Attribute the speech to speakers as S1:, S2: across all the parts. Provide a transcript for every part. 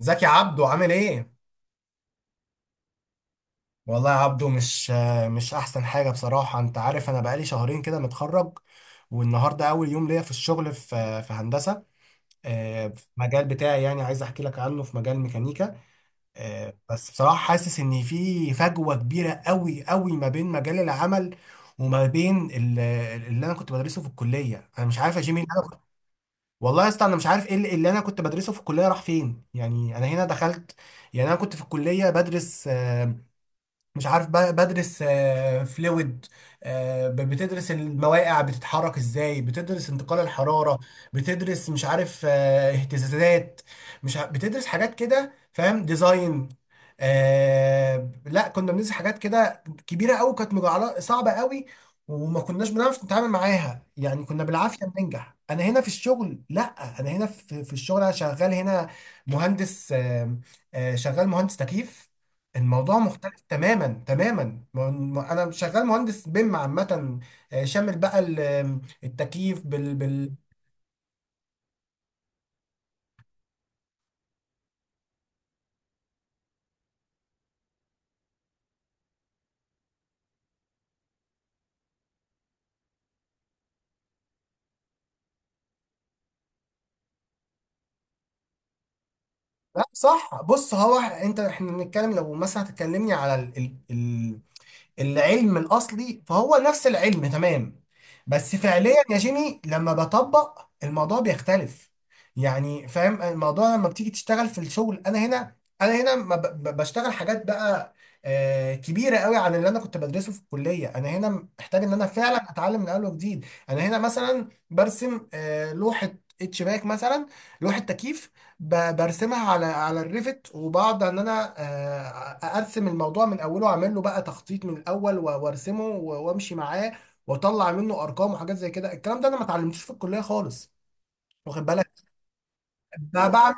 S1: ازيك يا عبدو؟ عامل ايه؟ والله يا عبدو مش احسن حاجة بصراحة. انت عارف، انا بقالي شهرين كده متخرج، والنهاردة اول يوم ليا في الشغل، في هندسة، في المجال بتاعي. يعني عايز احكي لك عنه، في مجال ميكانيكا. بس بصراحة حاسس ان في فجوة كبيرة قوي ما بين مجال العمل وما بين اللي انا كنت بدرسه في الكلية. انا مش عارف يا جيمي، والله يا اسطى انا مش عارف ايه اللي انا كنت بدرسه في الكلية راح فين. يعني انا هنا دخلت، يعني انا كنت في الكلية بدرس مش عارف بدرس فلويد، بتدرس المواقع بتتحرك ازاي، بتدرس انتقال الحرارة، بتدرس مش عارف اهتزازات، مش ع- بتدرس حاجات كده فاهم، ديزاين، آه لا كنا بندرس حاجات كده كبيرة قوي، كانت مجعلة صعبة قوي وما كناش بنعرف نتعامل معاها. يعني كنا بالعافية بننجح. انا هنا في الشغل لا، انا هنا في الشغل، انا شغال هنا مهندس، شغال مهندس تكييف. الموضوع مختلف تماما. م- انا شغال مهندس بيم عامه، شامل بقى التكييف بال. لا صح، بص هو انت احنا بنتكلم، لو مثلا هتكلمني على العلم الاصلي فهو نفس العلم تمام، بس فعليا يا جيمي لما بطبق الموضوع بيختلف. يعني فاهم الموضوع؟ لما بتيجي تشتغل في الشغل، انا هنا، انا هنا ما ب- ب- بشتغل حاجات بقى كبيره قوي عن اللي انا كنت بدرسه في الكليه. انا هنا محتاج ان انا فعلا اتعلم من اول وجديد. انا هنا مثلا برسم لوحه اتش باك مثلا، لوحه تكييف، برسمها على على الريفت، وبقعد ان انا ارسم الموضوع من اوله واعمل له بقى تخطيط من الاول وارسمه وامشي معاه واطلع منه ارقام وحاجات زي كده. الكلام ده انا ما اتعلمتوش في الكليه خالص، واخد بالك؟ بعمل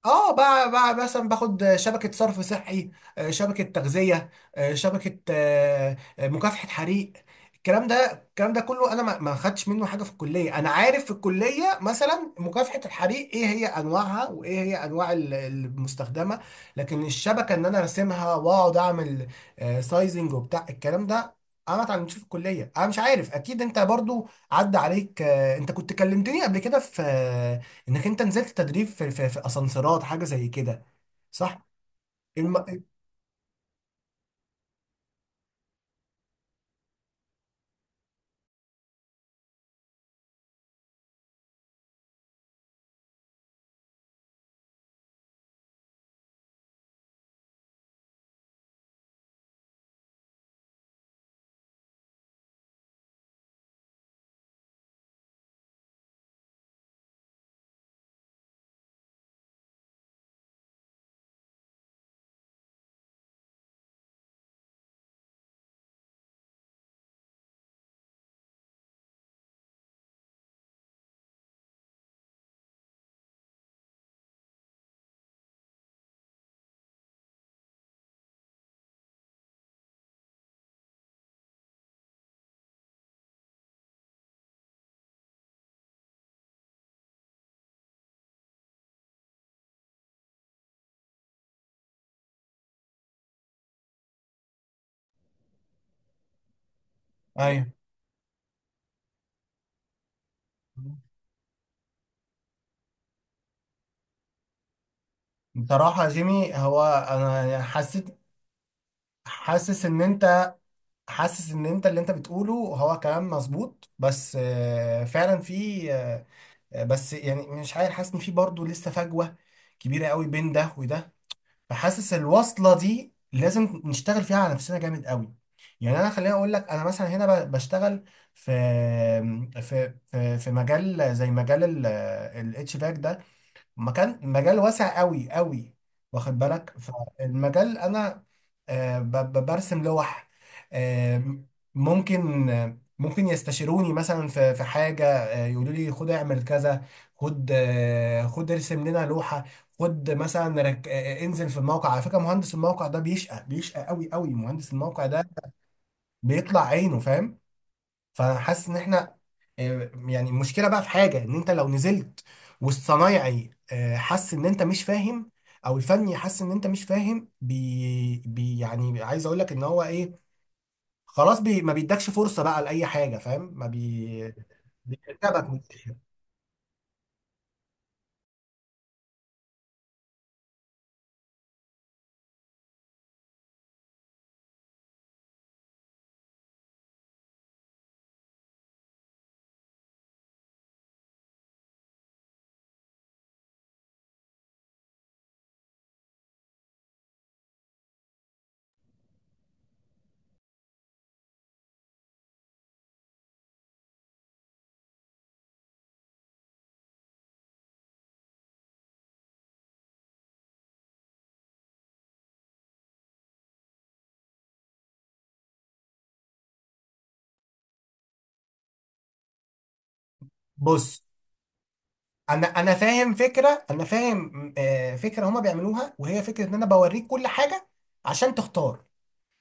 S1: اه بقى مثلا باخد شبكة صرف صحي، شبكة تغذية، شبكة مكافحة حريق. الكلام ده كله انا ما خدتش منه حاجة في الكلية. انا عارف في الكلية مثلا مكافحة الحريق ايه هي انواعها، وايه هي انواع المستخدمة، لكن الشبكة ان انا ارسمها واقعد اعمل سايزنج وبتاع الكلام ده انا ما اتعلمتش في الكلية. انا مش عارف، اكيد انت برضو عدى عليك. انت كنت كلمتني قبل كده في انك انت نزلت تدريب في اسانسيرات حاجه زي كده، صح؟ الم... ايوه، بصراحه يا جيمي هو، انا حسيت حاسس ان انت حاسس ان انت اللي انت بتقوله هو كلام مظبوط، بس فعلا في بس يعني مش عارف، حاسس ان في برضه لسه فجوه كبيره قوي بين ده وده، فحاسس الوصلة دي لازم نشتغل فيها على نفسنا جامد قوي. يعني انا خليني اقول لك، انا مثلا هنا بشتغل في في مجال زي مجال الاتش باك ده، مكان مجال واسع قوي، واخد بالك؟ فالمجال انا برسم لوح، آه، ممكن ممكن يستشيروني مثلا في حاجه، يقولوا لي خد اعمل كذا، خد خد ارسم لنا لوحه، خد مثلا انزل في الموقع. على فكره مهندس الموقع ده بيشقى قوي قوي، مهندس الموقع ده بيطلع عينه فاهم. فحاسس ان احنا يعني المشكله بقى في حاجه، ان انت لو نزلت والصنايعي حس ان انت مش فاهم، او الفني حس ان انت مش فاهم بي, بي يعني عايز اقول لك ان هو ايه، خلاص بي ما بيدكش فرصه بقى لاي حاجه فاهم، ما بي بيكتبك من الآخر. بص، انا فاهم فكره، انا فاهم فكره هما بيعملوها، وهي فكره ان انا بوريك كل حاجه عشان تختار،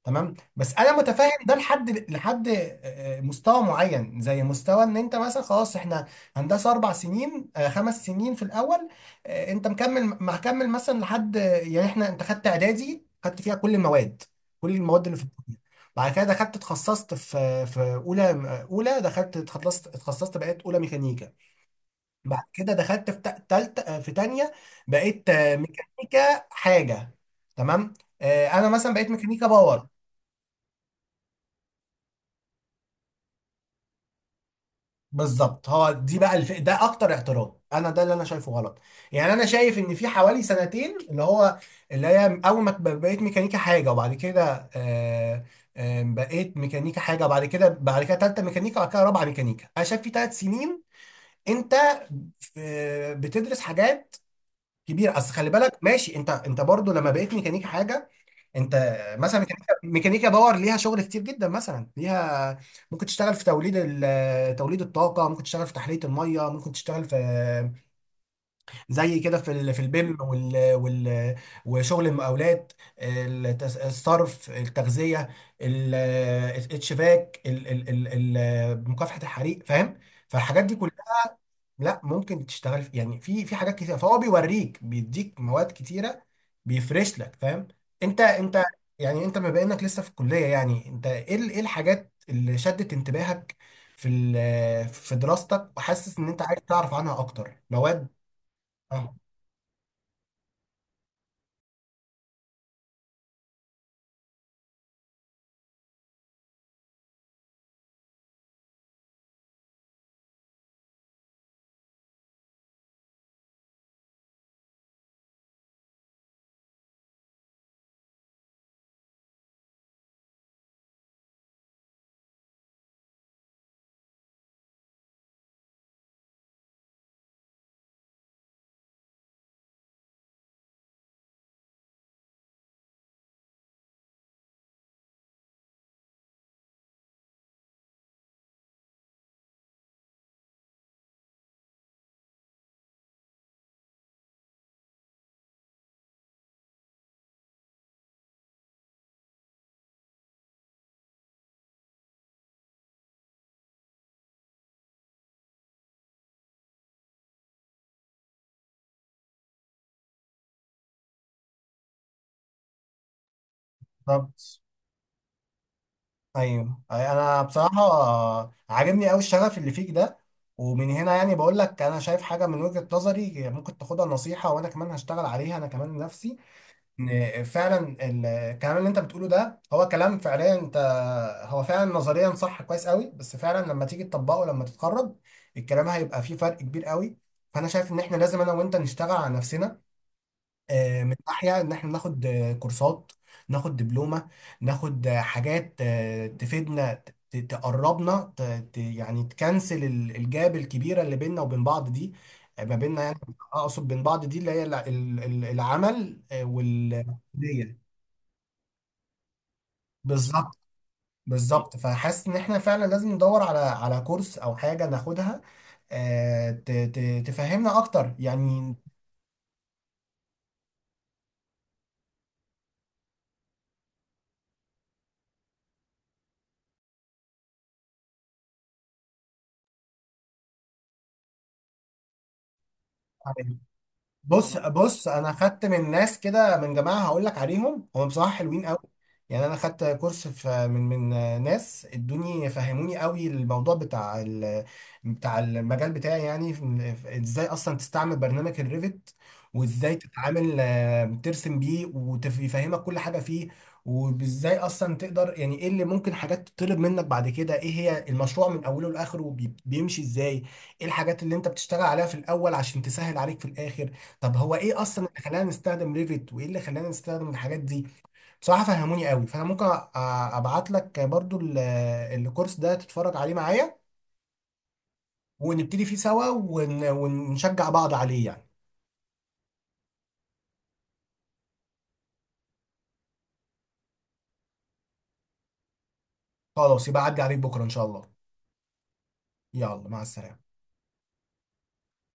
S1: تمام. بس انا متفاهم ده لحد مستوى معين، زي مستوى ان انت مثلا خلاص احنا هندسه اربع سنين، خمس سنين في الاول. انت مكمل مثلا لحد، يعني احنا انت خدت اعدادي، خدت فيها كل المواد، اللي في الكليه. بعد كده دخلت اتخصصت في اولى، اولى دخلت اتخصصت، بقيت اولى ميكانيكا. بعد كده دخلت في تالت في تانية، بقيت ميكانيكا حاجه، تمام. انا مثلا بقيت ميكانيكا باور. بالظبط، هو دي بقى ده اكتر اعتراض انا، ده اللي انا شايفه غلط. يعني انا شايف ان في حوالي سنتين، اللي هو اللي هي اول ما بقيت ميكانيكا حاجه، وبعد كده بعد كده تالته ميكانيكا، وبعد كده رابعه ميكانيكا. انا شايف في ثلاث سنين انت في بتدرس حاجات كبيره. اصل خلي بالك، ماشي، انت برضو لما بقيت ميكانيكا حاجه، انت مثلا ميكانيكا باور ليها شغل كتير جدا، مثلا ليها ممكن تشتغل في توليد الطاقه، ممكن تشتغل في تحليه الميه، ممكن تشتغل في زي كده في في البيم وال وال وشغل المقاولات، الصرف، التغذيه، ال- الشباك ال- ال- ال- ال- مكافحه الحريق، فاهم؟ فالحاجات دي لا، ممكن تشتغل في يعني في حاجات كتيره، فهو بيوريك، بيديك مواد كتيره، بيفرش لك، فاهم؟ انت انت يعني انت بما انك لسه في الكليه، يعني انت ايه ايه الحاجات اللي شدت انتباهك في في دراستك، وحاسس ان انت عايز تعرف عنها اكتر مواد؟ اه، بالظبط. ايوه، انا بصراحه عاجبني قوي الشغف اللي فيك ده، ومن هنا يعني بقول لك انا شايف حاجه من وجهه نظري ممكن تاخدها نصيحه، وانا كمان هشتغل عليها، انا كمان نفسي ان فعلا الكلام اللي انت بتقوله ده هو كلام، فعليا انت هو فعلا نظريا صح كويس قوي، بس فعلا لما تيجي تطبقه لما تتخرج الكلام هيبقى فيه فرق كبير قوي. فانا شايف ان احنا لازم انا وانت نشتغل على نفسنا، من ناحية إن إحنا ناخد كورسات، ناخد دبلومة، ناخد حاجات تفيدنا، تقربنا، يعني تكنسل الجاب الكبيرة اللي بيننا وبين بعض دي، ما بيننا، يعني أقصد بين بعض دي اللي هي العمل والكلية. بالظبط، بالظبط، فحاسس إن إحنا فعلا لازم ندور على على كورس أو حاجة ناخدها تفهمنا أكتر يعني. بص بص، انا خدت من ناس كده من جماعه هقول لك عليهم، هم بصراحه حلوين قوي. يعني انا خدت كورس في من من ناس ادوني، فهموني قوي الموضوع بتاع ال بتاع المجال بتاعي، يعني ازاي اصلا تستعمل برنامج الريفت، وازاي تتعامل ترسم بيه، ويفهمك كل حاجه فيه، وازاي اصلا تقدر يعني ايه اللي ممكن حاجات تطلب منك بعد كده، ايه هي المشروع من اوله لاخره بيمشي ازاي، ايه الحاجات اللي انت بتشتغل عليها في الاول عشان تسهل عليك في الاخر، طب هو ايه اصلا اللي خلانا نستخدم ريفت وايه اللي خلانا نستخدم الحاجات دي. بصراحه فهموني قوي. فانا ممكن ابعت لك برضو الكورس ده تتفرج عليه معايا ونبتدي فيه سوا، ونشجع بعض عليه يعني. خلاص، يبقى عدي عليك بكره ان شاء الله. يلا مع السلامه.